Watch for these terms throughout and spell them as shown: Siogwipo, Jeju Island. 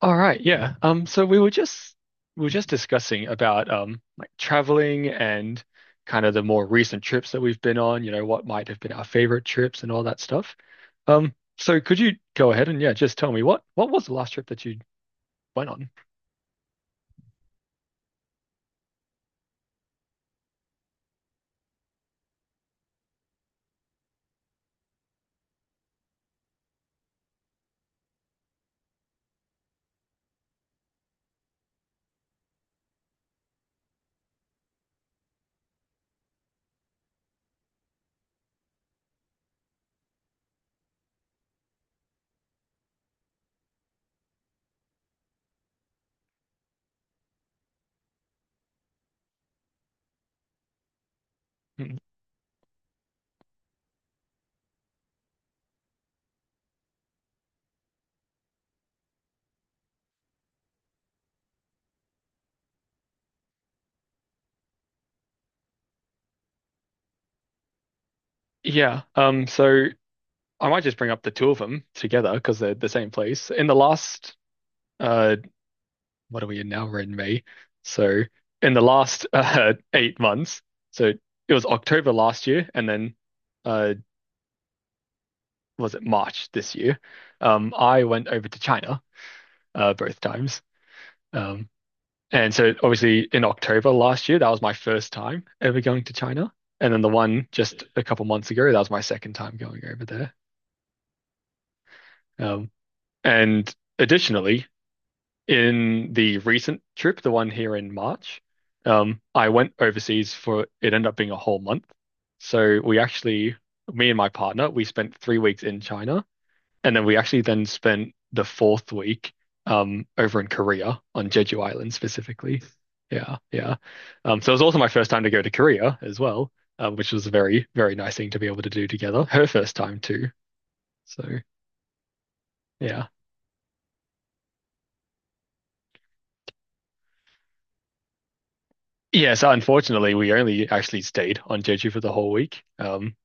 All right, yeah. So we were just discussing about like traveling and kind of the more recent trips that we've been on, you know, what might have been our favorite trips and all that stuff. So could you go ahead and yeah, just tell me what was the last trip that you went on? Mm. Yeah. So I might just bring up the two of them together because they're the same place. In the last uh what are we in now? We're in May. So in the last 8 months, so it was October last year and then uh was it March this year, I went over to China both times. Um, and so obviously in October last year, that was my first time ever going to China. And then the one just a couple months ago, that was my second time going over there. Um, and Additionally, in the recent trip, the one here in March, I went overseas for it ended up being a whole month. So we actually, me and my partner, we spent 3 weeks in China. And then we actually then spent the fourth week over in Korea on Jeju Island specifically. Yeah, yeah. So it was also my first time to go to Korea as well, which was a very, very nice thing to be able to do together. Her first time too. So yeah. Yeah, so unfortunately we only actually stayed on Jeju for the whole week. Um,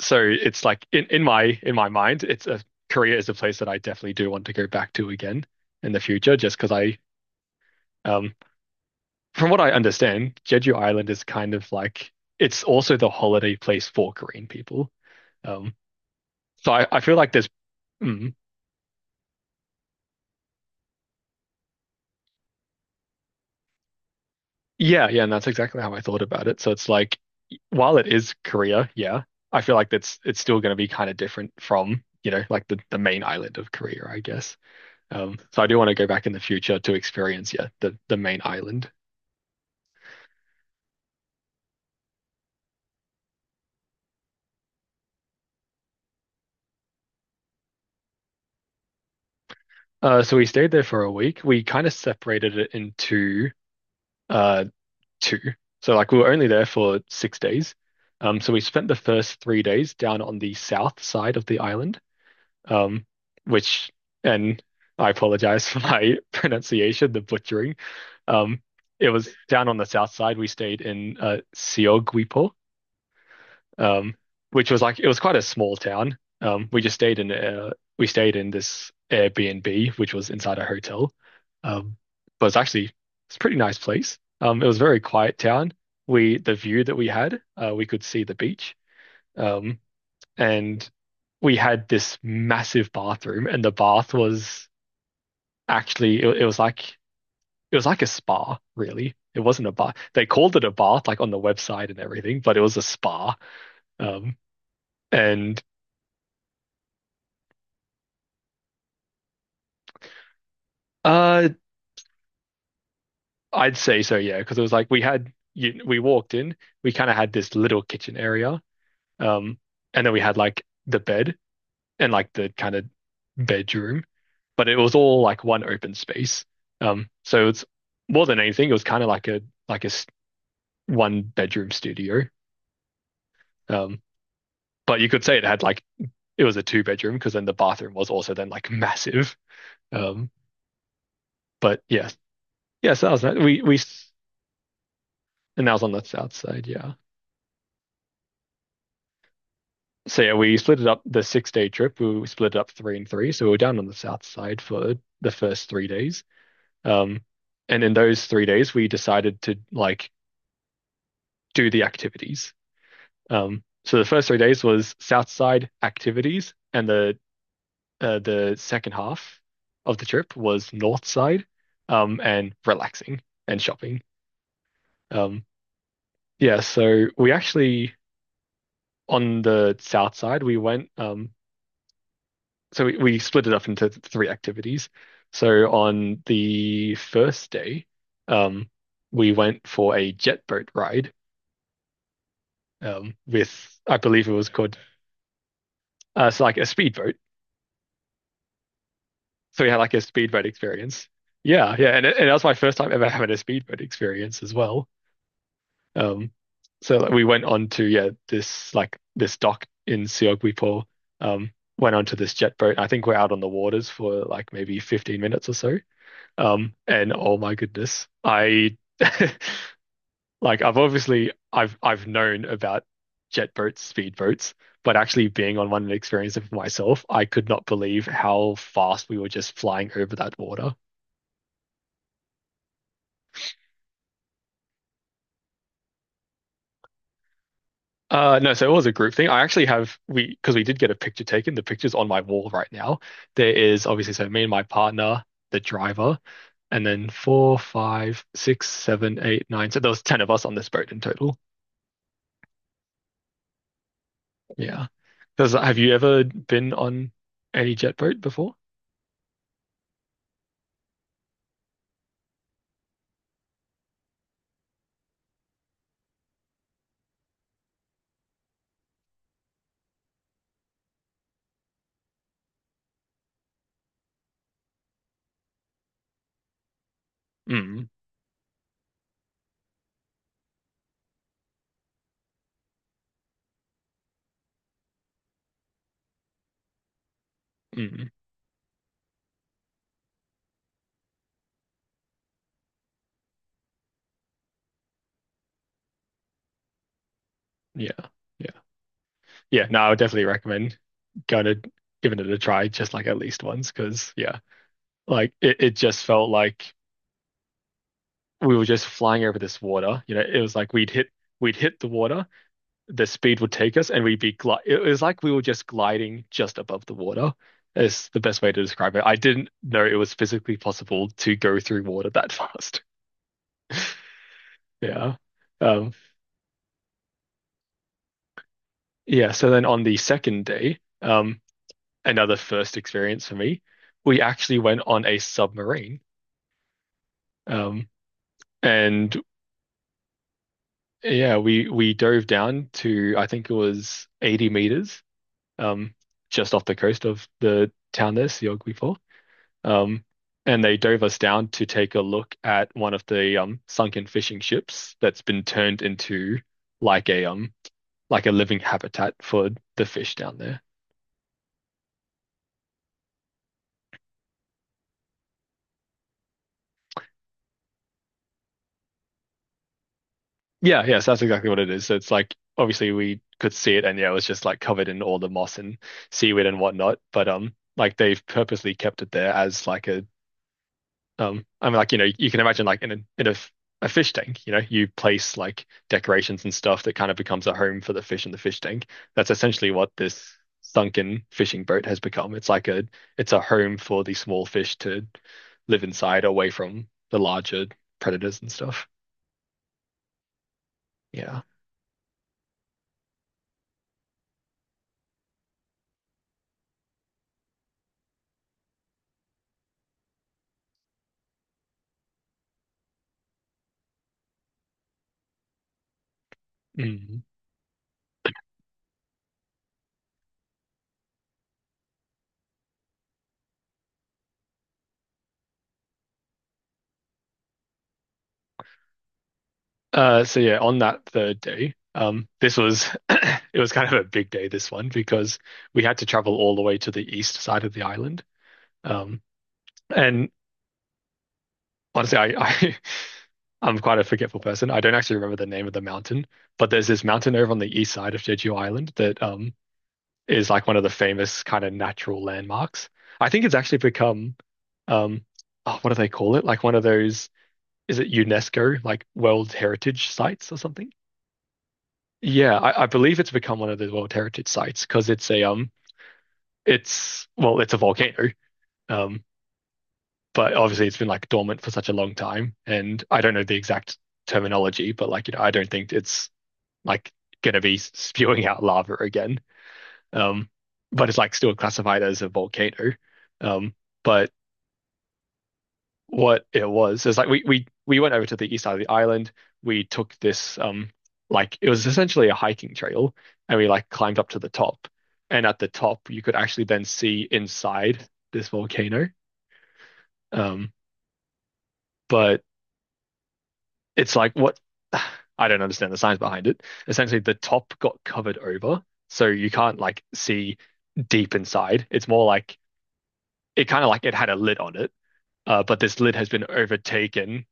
so it's like in my mind, it's a Korea is a place that I definitely do want to go back to again in the future just because I um from what I understand, Jeju Island is kind of like it's also the holiday place for Korean people. Um, so I feel like mm, yeah, yeah, and that's exactly how I thought about it. So it's like, while it is Korea, yeah, I feel like that's it's still going to be kind of different from, you know, like the main island of Korea, I guess. So I do want to go back in the future to experience, yeah, the main island. So we stayed there for a week. We kind of separated it into uh two. So like we were only there for 6 days. So we spent the first three days down on the south side of the island, um, which, and I apologize for my pronunciation, the butchering. Um, it was down on the south side. We stayed in Siogwipo, um, which was like it was quite a small town. We just stayed in we stayed in this Airbnb, which was inside a hotel. Um, but it's a pretty nice place. It was a very quiet town. We The view that we had, we could see the beach. Um, and we had this massive bathroom, and the bath was like it was like a spa, really. It wasn't a bath. They called it a bath, like on the website and everything, but it was a spa. Um, and uh, I'd say so, yeah, because it was like we walked in, we kind of had this little kitchen area, um, and then we had like the bed and like the kind of bedroom, but it was all like one open space. So it's more than anything, it was kind of like a like a s- one bedroom studio. Um, but you could say it had like it was a two-bedroom because then the bathroom was also then like massive. Um, but yes, yes, that was nice. And that was on the south side, yeah. So yeah, we split it up the 6 day trip. We split it up three and three. So we were down on the south side for the first three days. Um, and in those three days, we decided to like do the activities. So the first three days was south side activities, and the second half of the trip was north side, and relaxing and shopping. Um, yeah, so we actually on the south side we went so we split it up into three activities. So on the first day, um, we went for a jet boat ride um, with, I believe it was called, it's like a speedboat. So we had like a speedboat experience. Yeah, yeah, and that was my first time ever having a speedboat experience as well. Um, so like, we went on to yeah this dock in Siog Wipo, um, went onto this jet boat. I think we're out on the waters for like maybe 15 minutes or so. And oh my goodness, I like I've obviously I've known about jet boats, speed boats, but actually being on one and experiencing it for myself, I could not believe how fast we were just flying over that water. No, so it was a group thing. I actually have we because we did get a picture taken. The picture's on my wall right now. There is obviously so me and my partner, the driver, and then four, five, six, seven, eight, nine. So there was ten of us on this boat in total. Yeah. Does have you ever been on any jet boat before? Mm, mm, yeah, yeah, yeah. No, I would definitely recommend going to giving it a try, just like at least once, because yeah, like it just felt like we were just flying over this water. You know, it was like we'd hit the water, the speed would take us, and we'd be gli it was like we were just gliding just above the water. Is the best way to describe it. I didn't know it was physically possible to go through water that fast. Yeah. Um, yeah, so then on the second day, another first experience for me, we actually went on a submarine. Um, and yeah, we dove down to I think it was 80 meters, um, just off the coast of the town there, Siogwipo. Um, and they dove us down to take a look at one of the sunken fishing ships that's been turned into like a um like a living habitat for the fish down there. Yeah, yes, that's exactly what it is. So it's like obviously we could see it and yeah, it was just like covered in all the moss and seaweed and whatnot. But like they've purposely kept it there as like a I mean like you know, you can imagine like in a fish tank, you know, you place like decorations and stuff that kind of becomes a home for the fish in the fish tank. That's essentially what this sunken fishing boat has become. It's like a it's a home for the small fish to live inside away from the larger predators and stuff. Yeah. Mm. So yeah, on that third day, this was it was kind of a big day this one because we had to travel all the way to the east side of the island. Um, and Honestly, I I'm quite a forgetful person. I don't actually remember the name of the mountain, but there's this mountain over on the east side of Jeju Island that is like one of the famous kind of natural landmarks. I think it's actually become um oh, what do they call it? Like one of those is it UNESCO like World Heritage Sites or something? Yeah, I believe it's become one of the World Heritage sites because it's a it's well, it's a volcano. Um, but obviously it's been like dormant for such a long time, and I don't know the exact terminology, but like you know, I don't think it's like gonna be spewing out lava again. Um, but it's like still classified as a volcano. Um, but what it was. Is like we went over to the east side of the island. We took this like it was essentially a hiking trail, and we like climbed up to the top. And at the top, you could actually then see inside this volcano. Um, but it's like what I don't understand the science behind it. Essentially, the top got covered over, so you can't like see deep inside. It's more like it kind of like it had a lid on it, but this lid has been overtaken.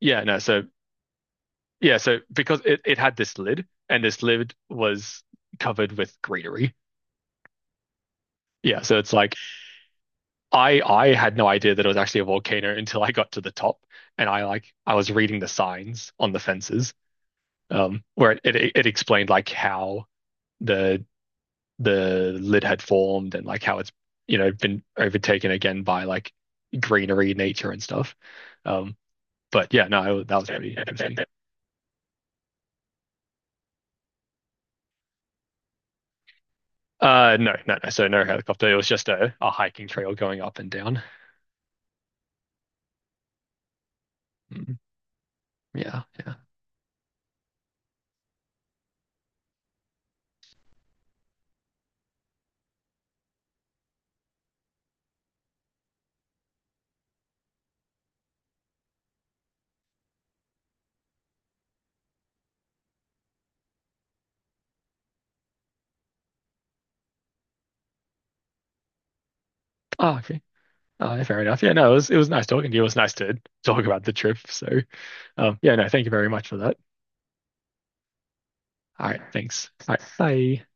Yeah, no, so Yeah, so because it had this lid, and this lid was covered with greenery. Yeah, so it's like I had no idea that it was actually a volcano until I got to the top, and I was reading the signs on the fences, where it explained like how the the lid had formed and like how it's you know been overtaken again by like greenery, nature and stuff. Um, but yeah, no, that was pretty interesting. No, no, no. So no helicopter. It was just a hiking trail going up and down. Mm, yeah, yeah. Oh, okay. Oh, yeah, fair enough. Yeah, no, it was nice talking to you. It was nice to talk about the trip. Yeah, no, thank you very much for that. All right, thanks. All right, bye.